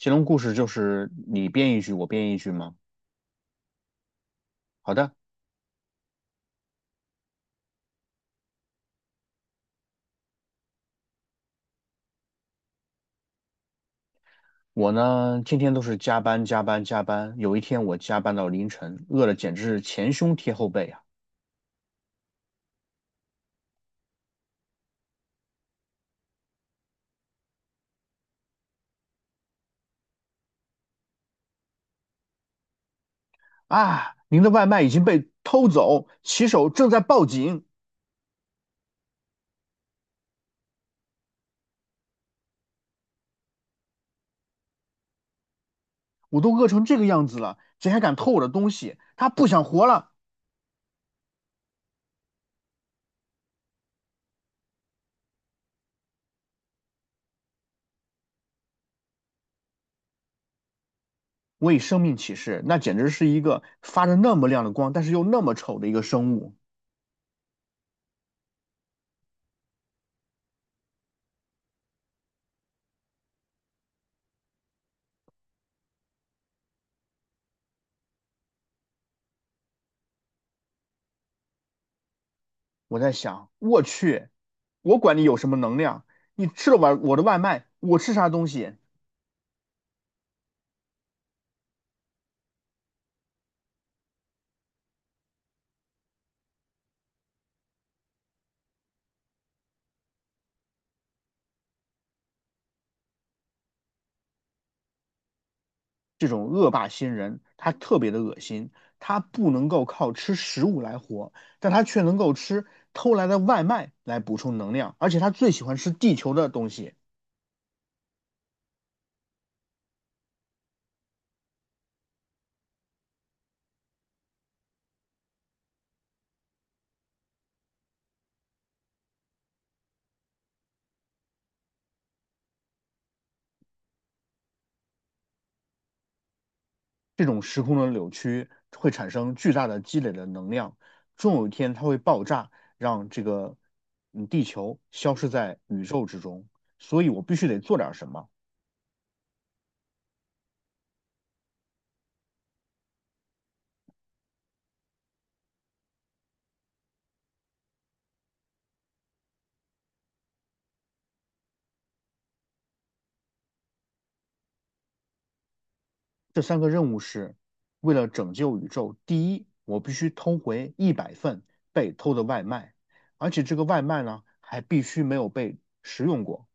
乾隆故事就是你编一句，我编一句吗？好的，我呢天天都是加班加班加班，有一天我加班到凌晨，饿得简直是前胸贴后背啊！啊，您的外卖已经被偷走，骑手正在报警，我都饿成这个样子了，谁还敢偷我的东西？他不想活了！我以生命起誓，那简直是一个发着那么亮的光，但是又那么丑的一个生物。我在想，我去，我管你有什么能量，你吃了我的外卖，我吃啥东西？这种恶霸星人，他特别的恶心，他不能够靠吃食物来活，但他却能够吃偷来的外卖来补充能量，而且他最喜欢吃地球的东西。这种时空的扭曲会产生巨大的积累的能量，终有一天它会爆炸，让这个地球消失在宇宙之中。所以我必须得做点什么。这三个任务是为了拯救宇宙。第一，我必须偷回100份被偷的外卖，而且这个外卖呢还必须没有被食用过。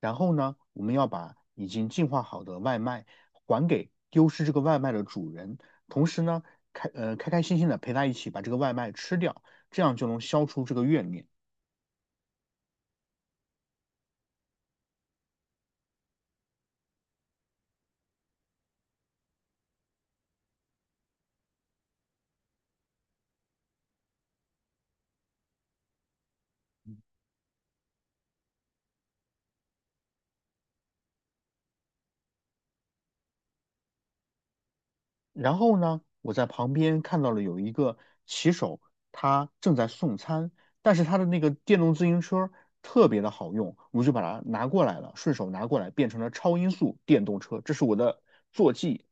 然后呢，我们要把已经进化好的外卖还给丢失这个外卖的主人，同时呢，开心心的陪他一起把这个外卖吃掉，这样就能消除这个怨念。然后呢，我在旁边看到了有一个骑手，他正在送餐，但是他的那个电动自行车特别的好用，我就把它拿过来了，顺手拿过来变成了超音速电动车，这是我的坐骑。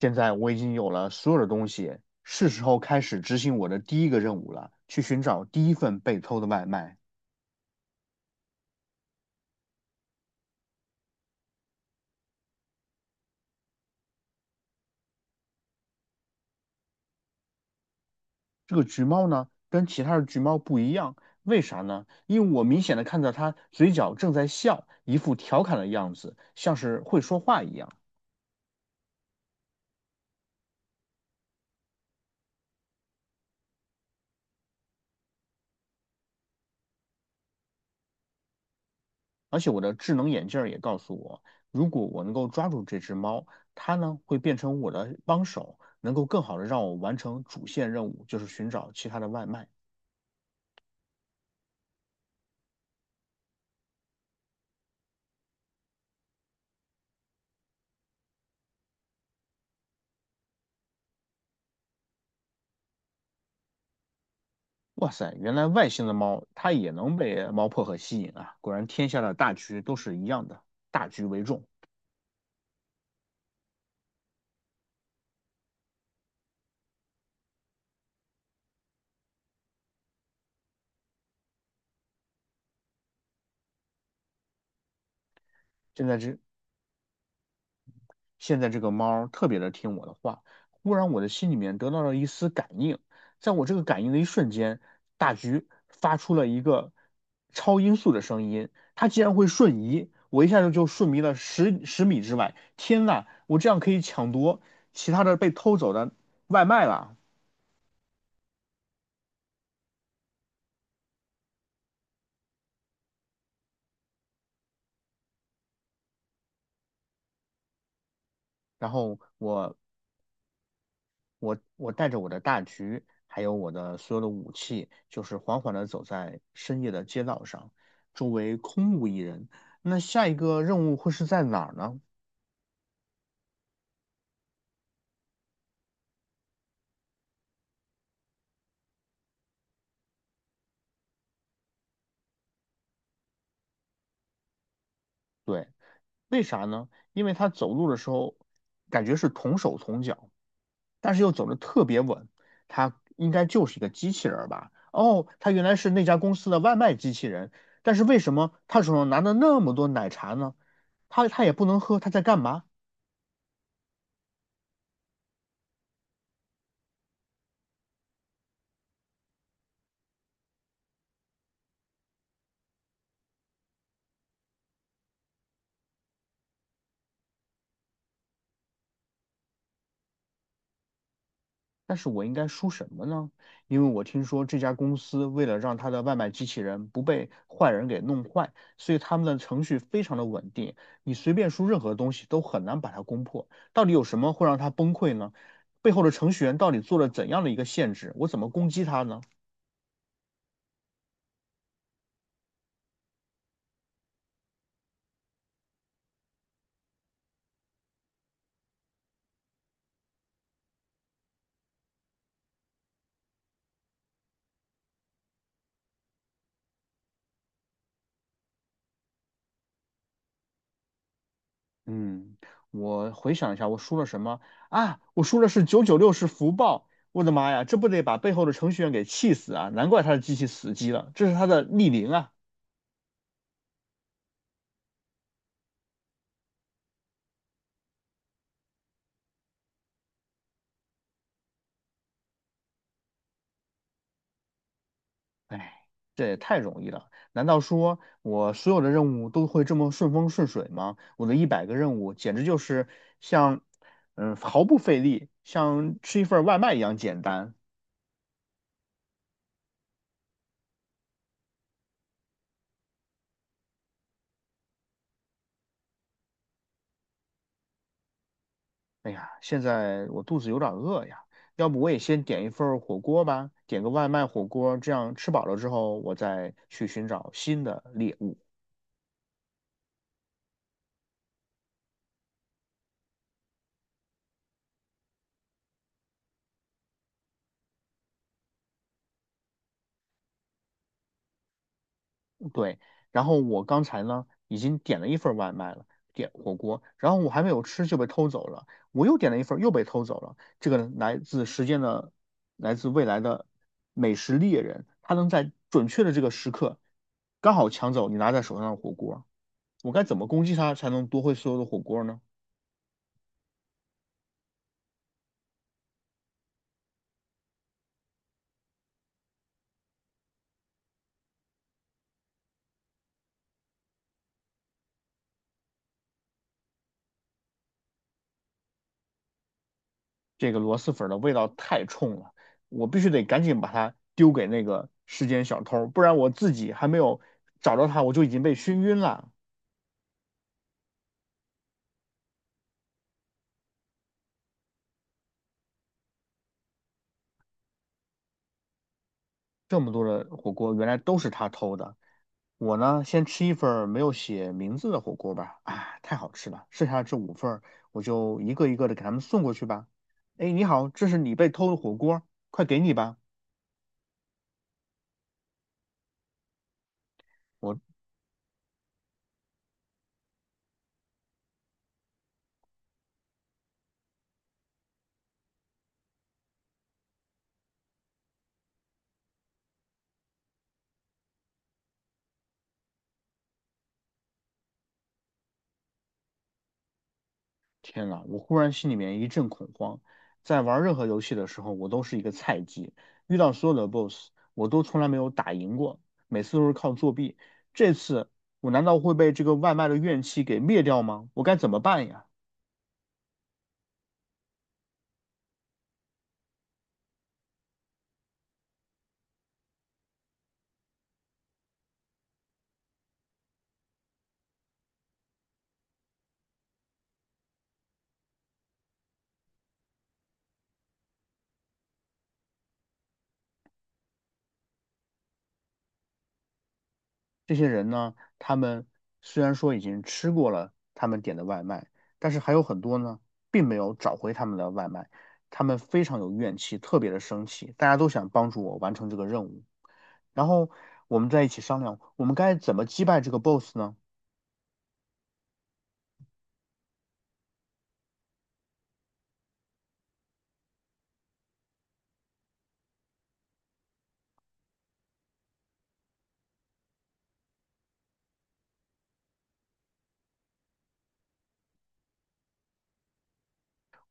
现在我已经有了所有的东西，是时候开始执行我的第一个任务了，去寻找第一份被偷的外卖。这个橘猫呢，跟其他的橘猫不一样，为啥呢？因为我明显的看到它嘴角正在笑，一副调侃的样子，像是会说话一样。而且我的智能眼镜儿也告诉我，如果我能够抓住这只猫，它呢会变成我的帮手，能够更好的让我完成主线任务，就是寻找其他的外卖。哇塞，原来外星的猫它也能被猫薄荷吸引啊！果然天下的大局都是一样的，大局为重。现在这现在这个猫儿特别的听我的话，忽然我的心里面得到了一丝感应，在我这个感应的一瞬间，大橘发出了一个超音速的声音，它竟然会瞬移，我一下子就瞬移了十米之外，天呐，我这样可以抢夺其他的被偷走的外卖了。然后我带着我的大狙，还有我的所有的武器，就是缓缓地走在深夜的街道上，周围空无一人。那下一个任务会是在哪儿呢？对，为啥呢？因为他走路的时候感觉是同手同脚，但是又走得特别稳。他应该就是一个机器人儿吧？哦，他原来是那家公司的外卖机器人，但是为什么他手上拿的那么多奶茶呢？他也不能喝，他在干嘛？但是我应该输什么呢？因为我听说这家公司为了让他的外卖机器人不被坏人给弄坏，所以他们的程序非常的稳定，你随便输任何东西都很难把它攻破。到底有什么会让它崩溃呢？背后的程序员到底做了怎样的一个限制？我怎么攻击它呢？嗯，我回想一下，我输了什么啊？我输的是九九六是福报。我的妈呀，这不得把背后的程序员给气死啊！难怪他的机器死机了，这是他的逆鳞啊！哎，这也太容易了。难道说我所有的任务都会这么顺风顺水吗？我的100个任务简直就是像，毫不费力，像吃一份外卖一样简单。哎呀，现在我肚子有点饿呀，要不我也先点一份火锅吧，点个外卖火锅，这样吃饱了之后，我再去寻找新的猎物。对，然后我刚才呢已经点了一份外卖了，点火锅，然后我还没有吃就被偷走了，我又点了一份又被偷走了。这个来自时间的，来自未来的美食猎人，他能在准确的这个时刻刚好抢走你拿在手上的火锅，我该怎么攻击他才能夺回所有的火锅呢？这个螺蛳粉的味道太冲了，我必须得赶紧把它丢给那个时间小偷，不然我自己还没有找到他，我就已经被熏晕了。这么多的火锅原来都是他偷的。我呢，先吃一份儿没有写名字的火锅吧，啊，太好吃了！剩下的这五份儿，我就一个一个的给他们送过去吧。哎，你好，这是你被偷的火锅，快给你吧！我天呐，我忽然心里面一阵恐慌。在玩任何游戏的时候，我都是一个菜鸡，遇到所有的 BOSS，我都从来没有打赢过，每次都是靠作弊。这次我难道会被这个外卖的怨气给灭掉吗？我该怎么办呀？这些人呢，他们虽然说已经吃过了他们点的外卖，但是还有很多呢，并没有找回他们的外卖，他们非常有怨气，特别的生气，大家都想帮助我完成这个任务。然后我们在一起商量，我们该怎么击败这个 boss 呢？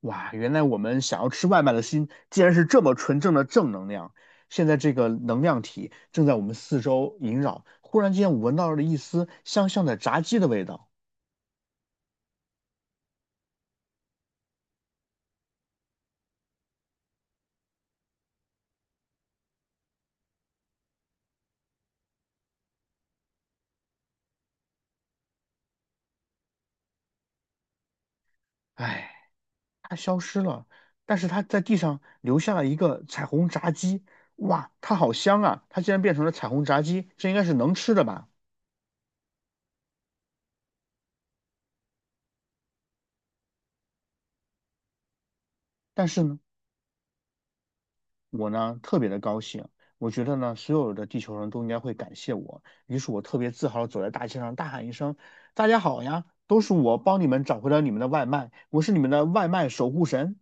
哇，原来我们想要吃外卖的心，竟然是这么纯正的正能量。现在这个能量体正在我们四周萦绕，忽然间我闻到了一丝香香的炸鸡的味道。哎。它消失了，但是它在地上留下了一个彩虹炸鸡，哇，它好香啊！它竟然变成了彩虹炸鸡，这应该是能吃的吧？但是呢，我呢特别的高兴，我觉得呢所有的地球人都应该会感谢我，于是我特别自豪的走在大街上大喊一声："大家好呀，都是我帮你们找回了你们的外卖，我是你们的外卖守护神。"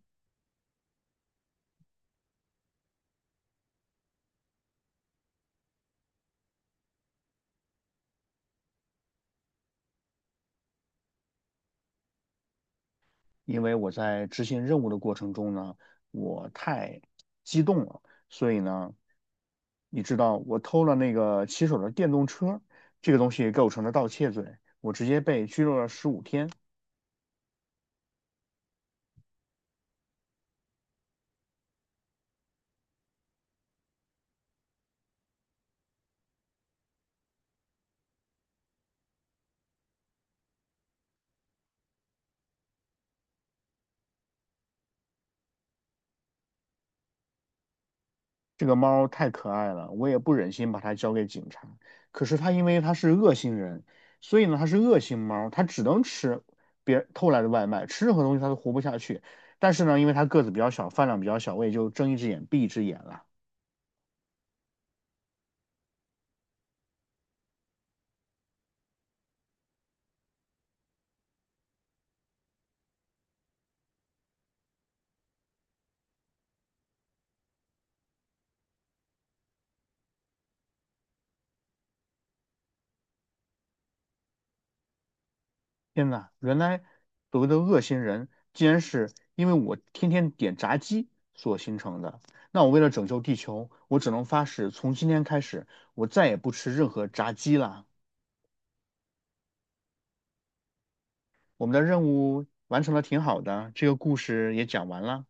因为我在执行任务的过程中呢，我太激动了。所以呢，你知道我偷了那个骑手的电动车，这个东西构成了盗窃罪，我直接被拘留了15天。这个猫太可爱了，我也不忍心把它交给警察。可是它因为它是恶性人，所以呢它是恶性猫，它只能吃别人偷来的外卖，吃任何东西它都活不下去。但是呢，因为它个子比较小，饭量比较小，我也就睁一只眼闭一只眼了。天呐，原来所谓的恶心人，竟然是因为我天天点炸鸡所形成的。那我为了拯救地球，我只能发誓，从今天开始，我再也不吃任何炸鸡了。我们的任务完成的挺好的，这个故事也讲完了。